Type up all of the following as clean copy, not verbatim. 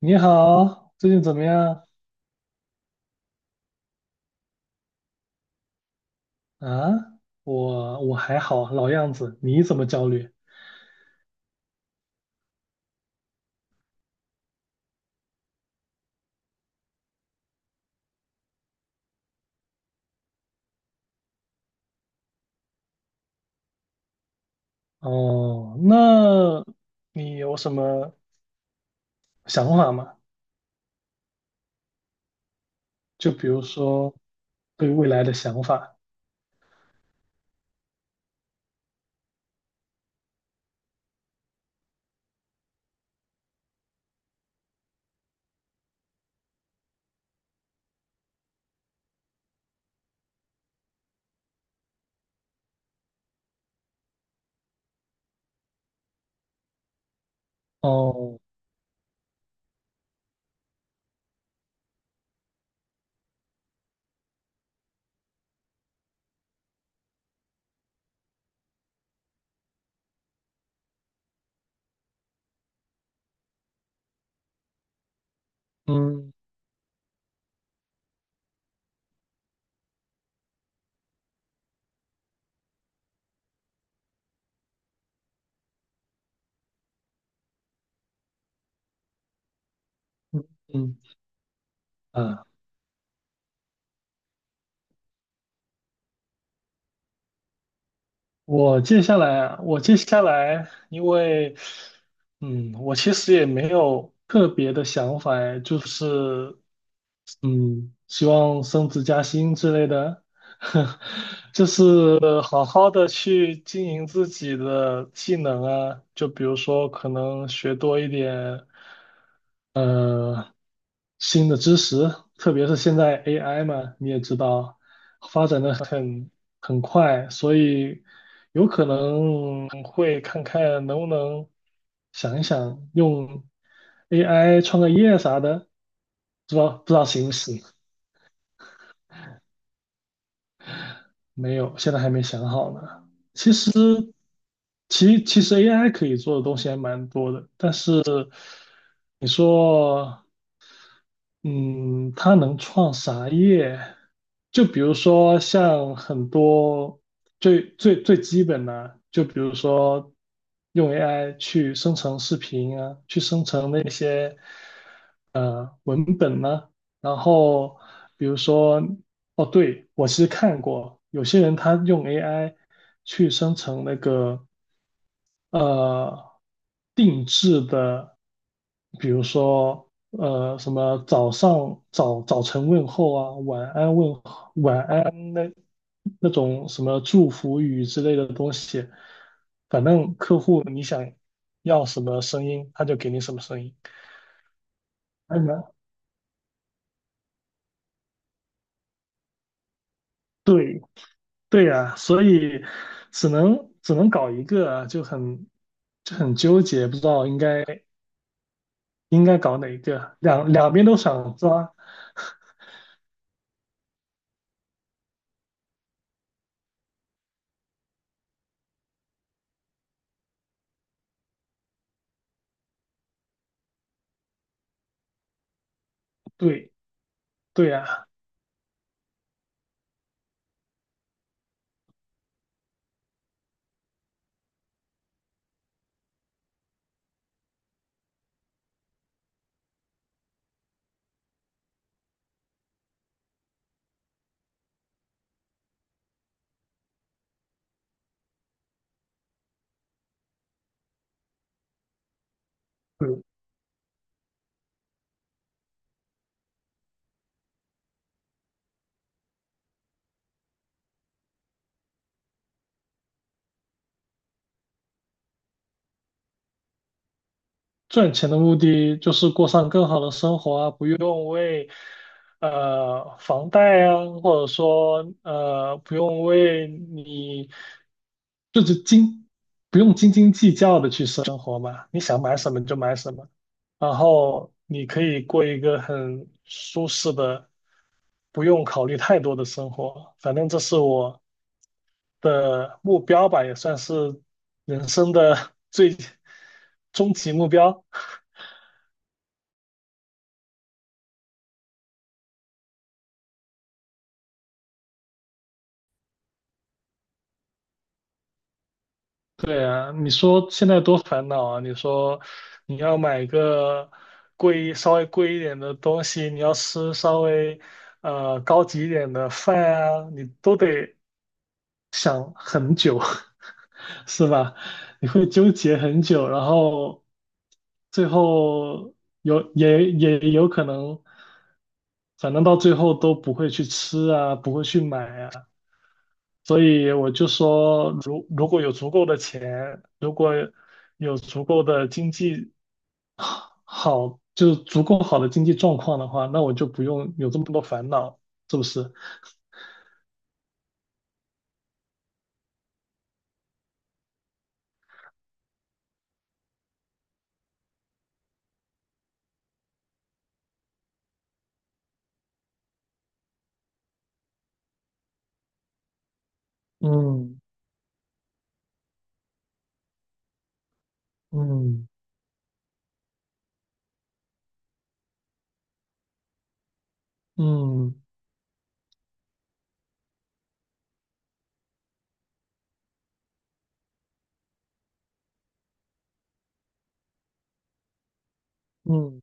你好，最近怎么样啊？我还好，老样子。你怎么焦虑？哦，那你有什么想法吗？就比如说对未来的想法。哦，嗯嗯嗯啊，我接下来，因为我其实也没有特别的想法，哎就是希望升职加薪之类的，就是好好的去经营自己的技能啊，就比如说可能学多一点新的知识，特别是现在 AI 嘛，你也知道，发展的很快，所以有可能会看看能不能想一想用 AI 创个业啥的，不知道行不行。没有，现在还没想好呢。其实，其实 AI 可以做的东西还蛮多的，但是你说，嗯，它能创啥业？就比如说像很多最最最基本的，就比如说用 AI 去生成视频啊，去生成那些。文本呢，然后比如说，哦，对，我其实看过有些人他用 AI 去生成那个呃定制的，比如说什么早上早早晨问候啊，晚安问候那种什么祝福语之类的东西，反正客户你想要什么声音，他就给你什么声音，还蛮对。对呀，所以只能搞一个，就很纠结，不知道应该搞哪一个，两边都想抓。对对呀，赚钱的目的就是过上更好的生活啊，不用为房贷啊，或者说不用为你就是不用斤斤计较的去生活嘛，你想买什么就买什么，然后你可以过一个很舒适的，不用考虑太多的生活。反正这是我的目标吧，也算是人生的 最终极目标。对啊，你说现在多烦恼啊！你说你要买个贵、稍微贵一点的东西，你要吃稍微高级一点的饭啊，你都得想很久，是吧？你会纠结很久，然后最后有也有可能，反正到最后都不会去吃啊，不会去买啊。所以我就说，如果有足够的钱，如果有足够的经济好，就是足够好的经济状况的话，那我就不用有这么多烦恼，是不是？嗯嗯嗯嗯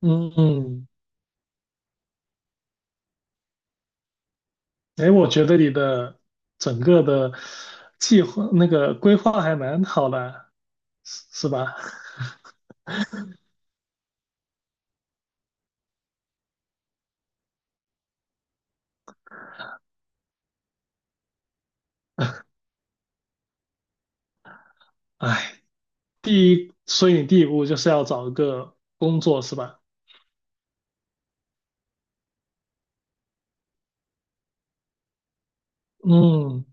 嗯嗯。哎，我觉得你的整个的计划那个规划还蛮好的，是吧？哎，第一，所以你第一步就是要找一个工作，是吧？嗯，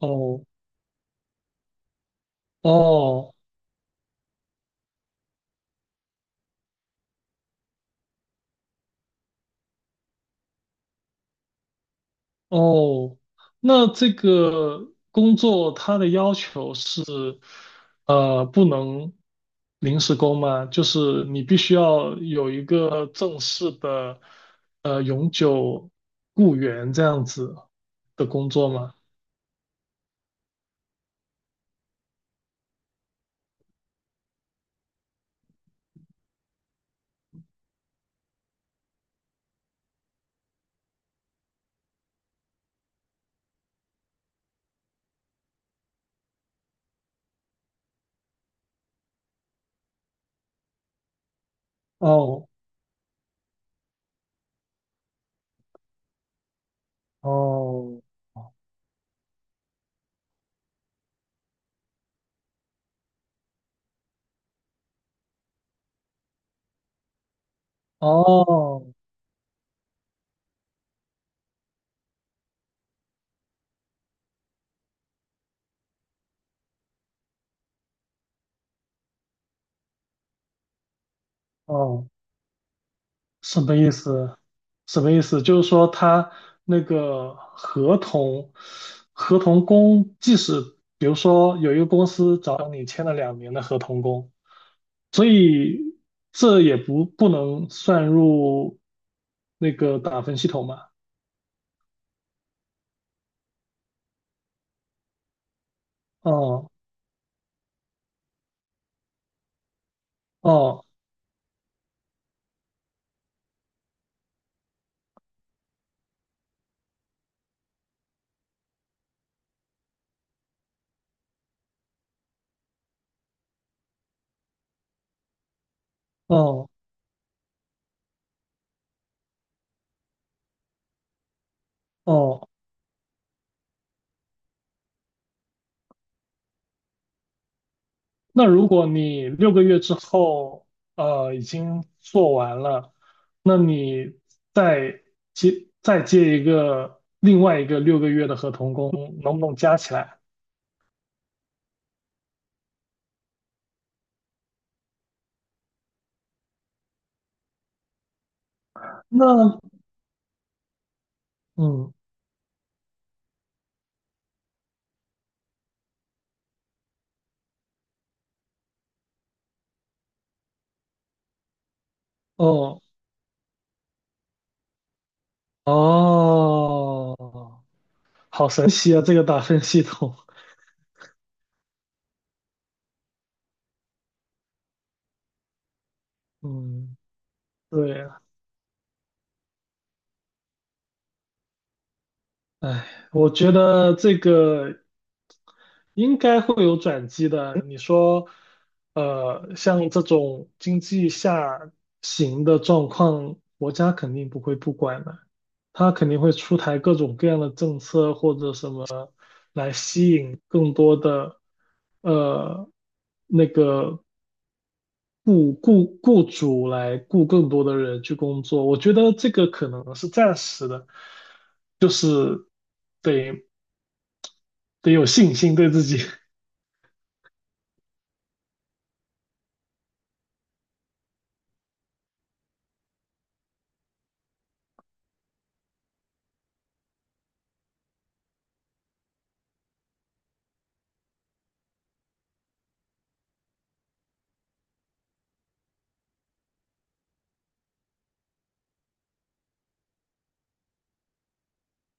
哦哦哦，那这个工作它的要求是，不能临时工吗？就是你必须要有一个正式的，永久雇员这样子的工作吗？哦哦哦哦，什么意思？什么意思？就是说他那个合同，合同工，即使比如说有一个公司找你签了2年的合同工，所以这也不能算入那个打分系统嘛？哦哦哦哦那如果你六个月之后，已经做完了，那你再再接一个另外一个六个月的合同工，能不能加起来？那嗯，哦哦，好神奇啊，这个打分系统。嗯，对啊，哎，我觉得这个。应该会有转机的。你说，像这种经济下行的状况，国家肯定不会不管的，它肯定会出台各种各样的政策或者什么来吸引更多的，呃，那个雇主来雇更多的人去工作。我觉得这个可能是暂时的，就是得得有信心对自己，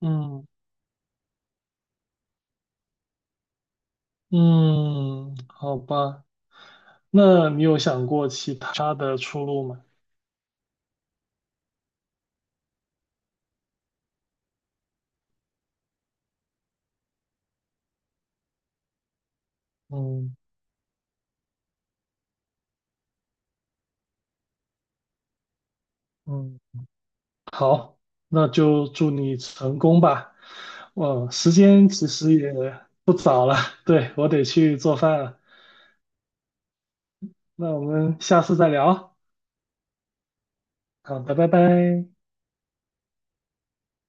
嗯。嗯，好吧，那你有想过其他的出路吗？嗯嗯，好，那就祝你成功吧。哦，时间其实也不早了，对，我得去做饭了。那我们下次再聊。好的，拜拜。